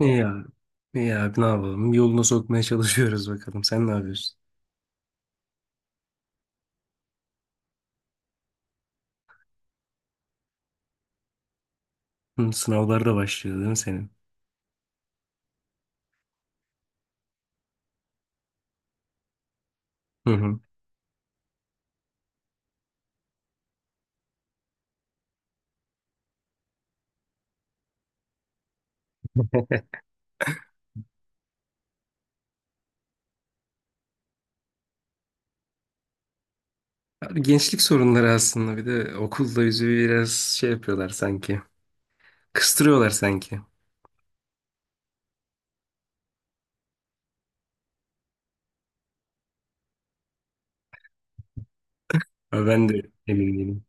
İyi abi. İyi abi ne yapalım? Yoluna sokmaya çalışıyoruz bakalım. Sen ne yapıyorsun? Hı, sınavlar da başlıyor değil mi senin? Hı hı. Abi gençlik sorunları aslında bir de okulda bizi biraz yapıyorlar sanki. Kıstırıyorlar sanki. Ama ben de emin değilim.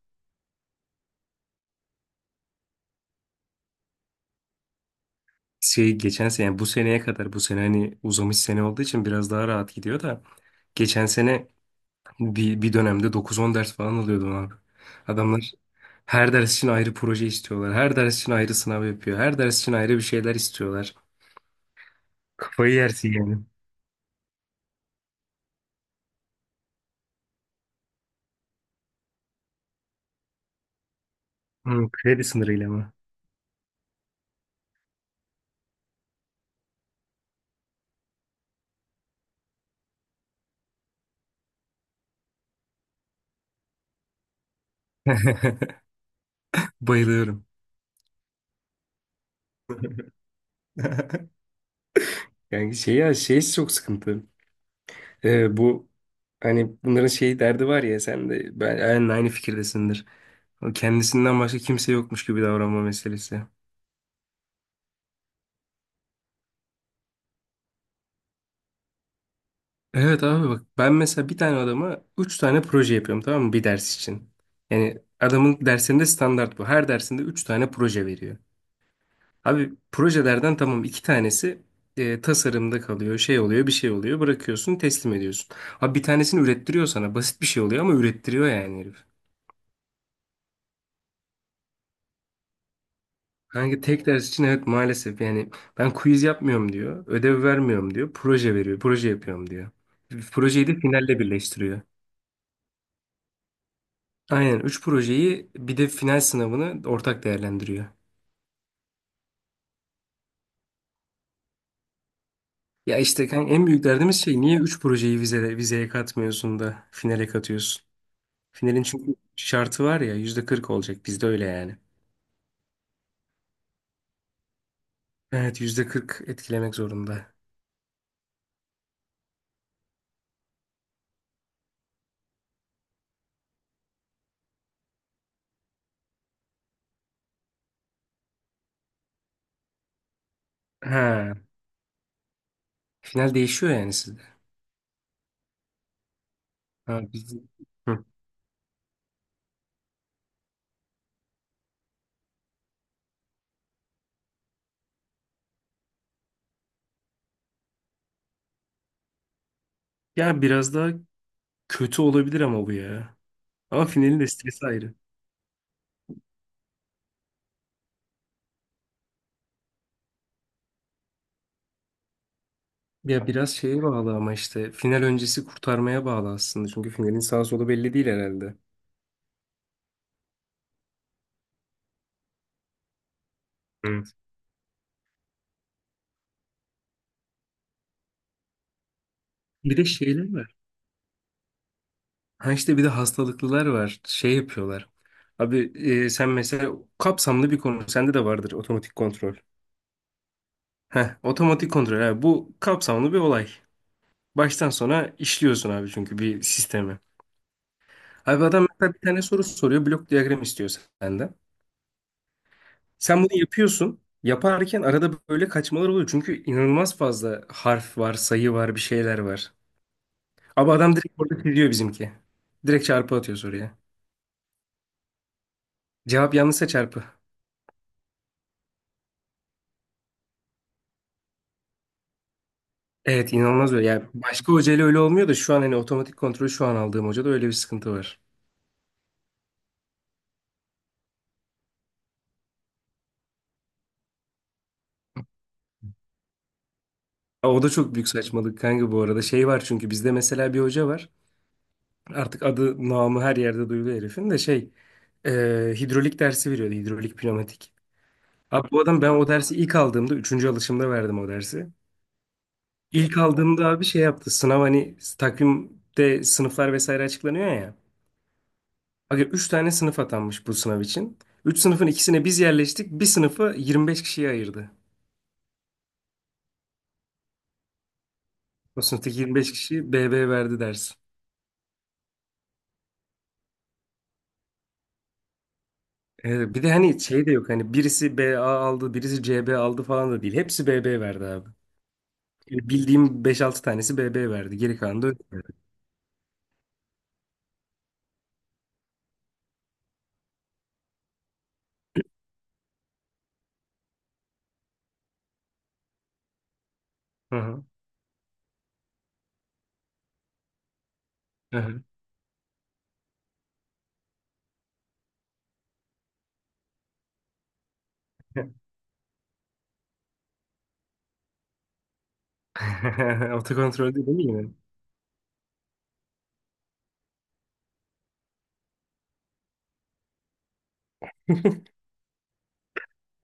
Geçen sene yani bu seneye kadar bu sene hani uzamış sene olduğu için biraz daha rahat gidiyor da geçen sene bir dönemde dokuz on ders falan alıyordum abi. Adamlar her ders için ayrı proje istiyorlar. Her ders için ayrı sınav yapıyor. Her ders için ayrı bir şeyler istiyorlar. Kafayı yersin yani. Hmm, kredi sınırıyla mı? Bayılıyorum. Yani çok sıkıntı. Bu hani bunların şey derdi var ya sen de ben aynı fikirdesindir. O kendisinden başka kimse yokmuş gibi davranma meselesi. Evet abi bak ben mesela bir tane adama üç tane proje yapıyorum, tamam mı, bir ders için. Yani adamın dersinde standart bu. Her dersinde üç tane proje veriyor. Abi projelerden tamam iki tanesi tasarımda kalıyor, şey oluyor, bir şey oluyor, bırakıyorsun, teslim ediyorsun. Abi bir tanesini ürettiriyor sana, basit bir şey oluyor ama ürettiriyor yani herif. Hangi tek ders için, evet maalesef yani ben quiz yapmıyorum diyor, ödev vermiyorum diyor, proje veriyor, proje yapıyorum diyor. Projeyi de finalle birleştiriyor. Aynen 3 projeyi bir de final sınavını ortak değerlendiriyor. Ya işte kan en büyük derdimiz şey niye 3 projeyi vizeye katmıyorsun da finale katıyorsun? Finalin çünkü şartı var ya, %40 olacak bizde öyle yani. Evet %40 etkilemek zorunda. Ha, final değişiyor yani sizde. Ha, biz... Hı. Ya biraz daha kötü olabilir ama bu ya. Ama finalin de stresi ayrı. Ya biraz şeye bağlı ama işte final öncesi kurtarmaya bağlı aslında. Çünkü finalin sağ solu belli değil herhalde. Evet. Bir de şeyler var. Ha işte bir de hastalıklılar var. Şey yapıyorlar. Abi sen mesela kapsamlı bir konu. Sende de vardır otomatik kontrol. Heh, otomatik kontrol. Abi, bu kapsamlı bir olay. Baştan sona işliyorsun abi çünkü bir sistemi. Abi adam mesela bir tane soru soruyor. Blok diyagram istiyor senden. Sen bunu yapıyorsun. Yaparken arada böyle kaçmalar oluyor. Çünkü inanılmaz fazla harf var, sayı var, bir şeyler var. Abi adam direkt orada çiziyor bizimki. Direkt çarpı atıyor soruya. Cevap yanlışsa çarpı. Evet inanılmaz öyle. Yani başka hocayla öyle olmuyor da şu an hani otomatik kontrolü şu an aldığım hocada öyle bir sıkıntı var. Aa, o da çok büyük saçmalık kanka bu arada. Şey var çünkü bizde mesela bir hoca var. Artık adı namı her yerde duyuluyor herifin de e, hidrolik dersi veriyordu, hidrolik pneumatik. Abi bu adam ben o dersi ilk aldığımda üçüncü alışımda verdim o dersi. İlk aldığımda abi şey yaptı, sınav hani takvimde sınıflar vesaire açıklanıyor ya. Abi 3 tane sınıf atanmış bu sınav için. 3 sınıfın ikisine biz yerleştik, bir sınıfı 25 kişiye ayırdı. O sınıftaki 25 kişi BB verdi ders. Bir de hani şey de yok hani birisi BA aldı birisi CB aldı falan da değil. Hepsi BB verdi abi. Yani bildiğim beş altı tanesi BB verdi. Geri kalanı da öyle verdi. Hı hı. Hı hı. Otokontrol değil mi yine?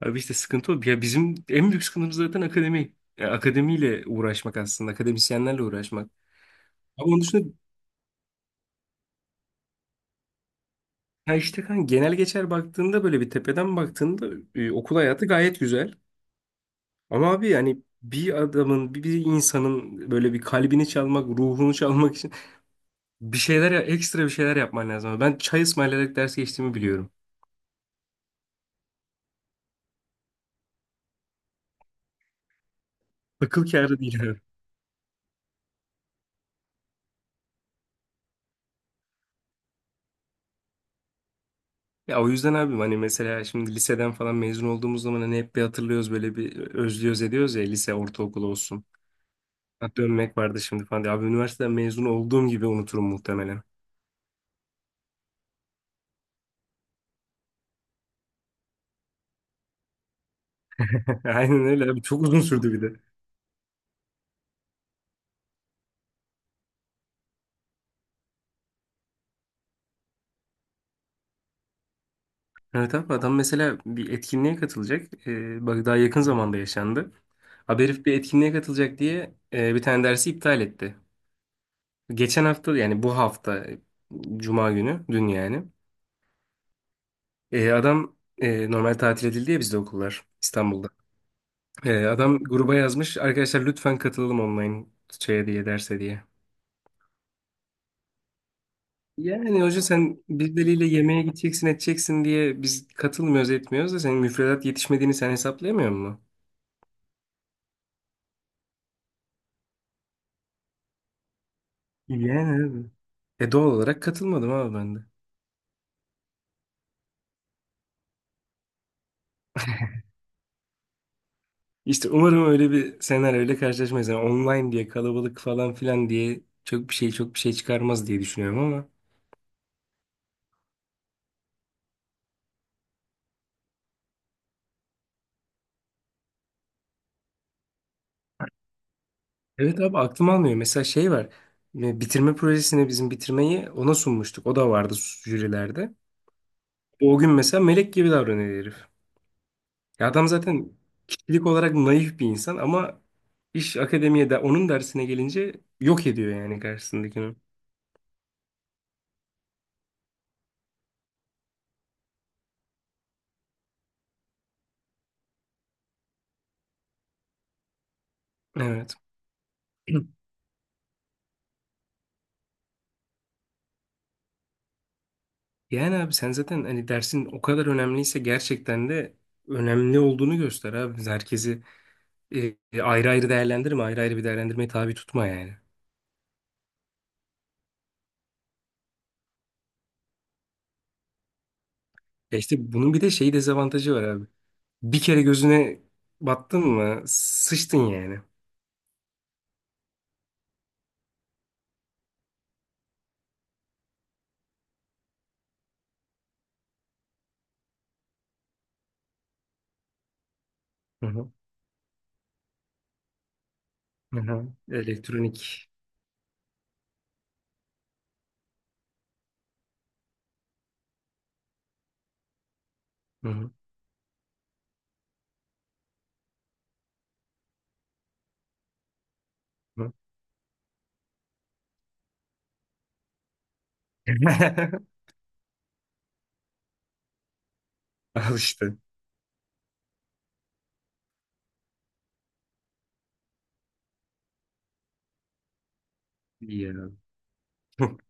Abi işte sıkıntı o. Ya bizim en büyük sıkıntımız zaten akademi. Ya akademiyle uğraşmak aslında. Akademisyenlerle uğraşmak. Ama onun dışında ya işte kan genel geçer baktığında, böyle bir tepeden baktığında, okul hayatı gayet güzel. Ama abi yani bir adamın, bir insanın böyle bir kalbini çalmak, ruhunu çalmak için bir şeyler, ekstra bir şeyler yapman lazım. Ben çay ısmarlayarak ders geçtiğimi biliyorum. Akıl kârı değil. Ya o yüzden abim hani mesela şimdi liseden falan mezun olduğumuz zaman hani hep bir hatırlıyoruz böyle bir özlüyoruz ediyoruz ya, lise ortaokul olsun. Ha, dönmek vardı şimdi falan diye. Abi üniversiteden mezun olduğum gibi unuturum muhtemelen. Aynen öyle abi, çok uzun sürdü bir de. Evet abi adam mesela bir etkinliğe katılacak. Bak daha yakın zamanda yaşandı. Abi herif bir etkinliğe katılacak diye bir tane dersi iptal etti. Geçen hafta yani bu hafta cuma günü, dün yani. Adam normal tatil edildi ya bizde okullar İstanbul'da. Adam gruba yazmış. Arkadaşlar lütfen katılalım online şeye diye derse diye. Yani hoca sen birileriyle yemeğe gideceksin edeceksin diye biz katılmıyoruz etmiyoruz da senin müfredat yetişmediğini sen hesaplayamıyor musun? Yani abi. E doğal olarak katılmadım abi ben de. İşte umarım öyle bir senaryo öyle karşılaşmayız. Yani online diye kalabalık falan filan diye çok bir şey çıkarmaz diye düşünüyorum ama. Evet abi aklım almıyor. Mesela şey var. Bitirme projesine bizim bitirmeyi ona sunmuştuk. O da vardı jürilerde. O gün mesela melek gibi davranıyor herif. Ya adam zaten kişilik olarak naif bir insan ama iş akademiye de, onun dersine gelince yok ediyor yani karşısındakini. Evet. Yani abi sen zaten hani dersin o kadar önemliyse gerçekten de önemli olduğunu göster abi. Herkesi ayrı ayrı değerlendirme, ayrı ayrı bir değerlendirmeye tabi tutma yani. Ya işte bunun bir de şey dezavantajı var abi. Bir kere gözüne battın mı sıçtın yani. Hı hı. Hı hı. Elektronik. Hı hı. Al işte. İyi ya.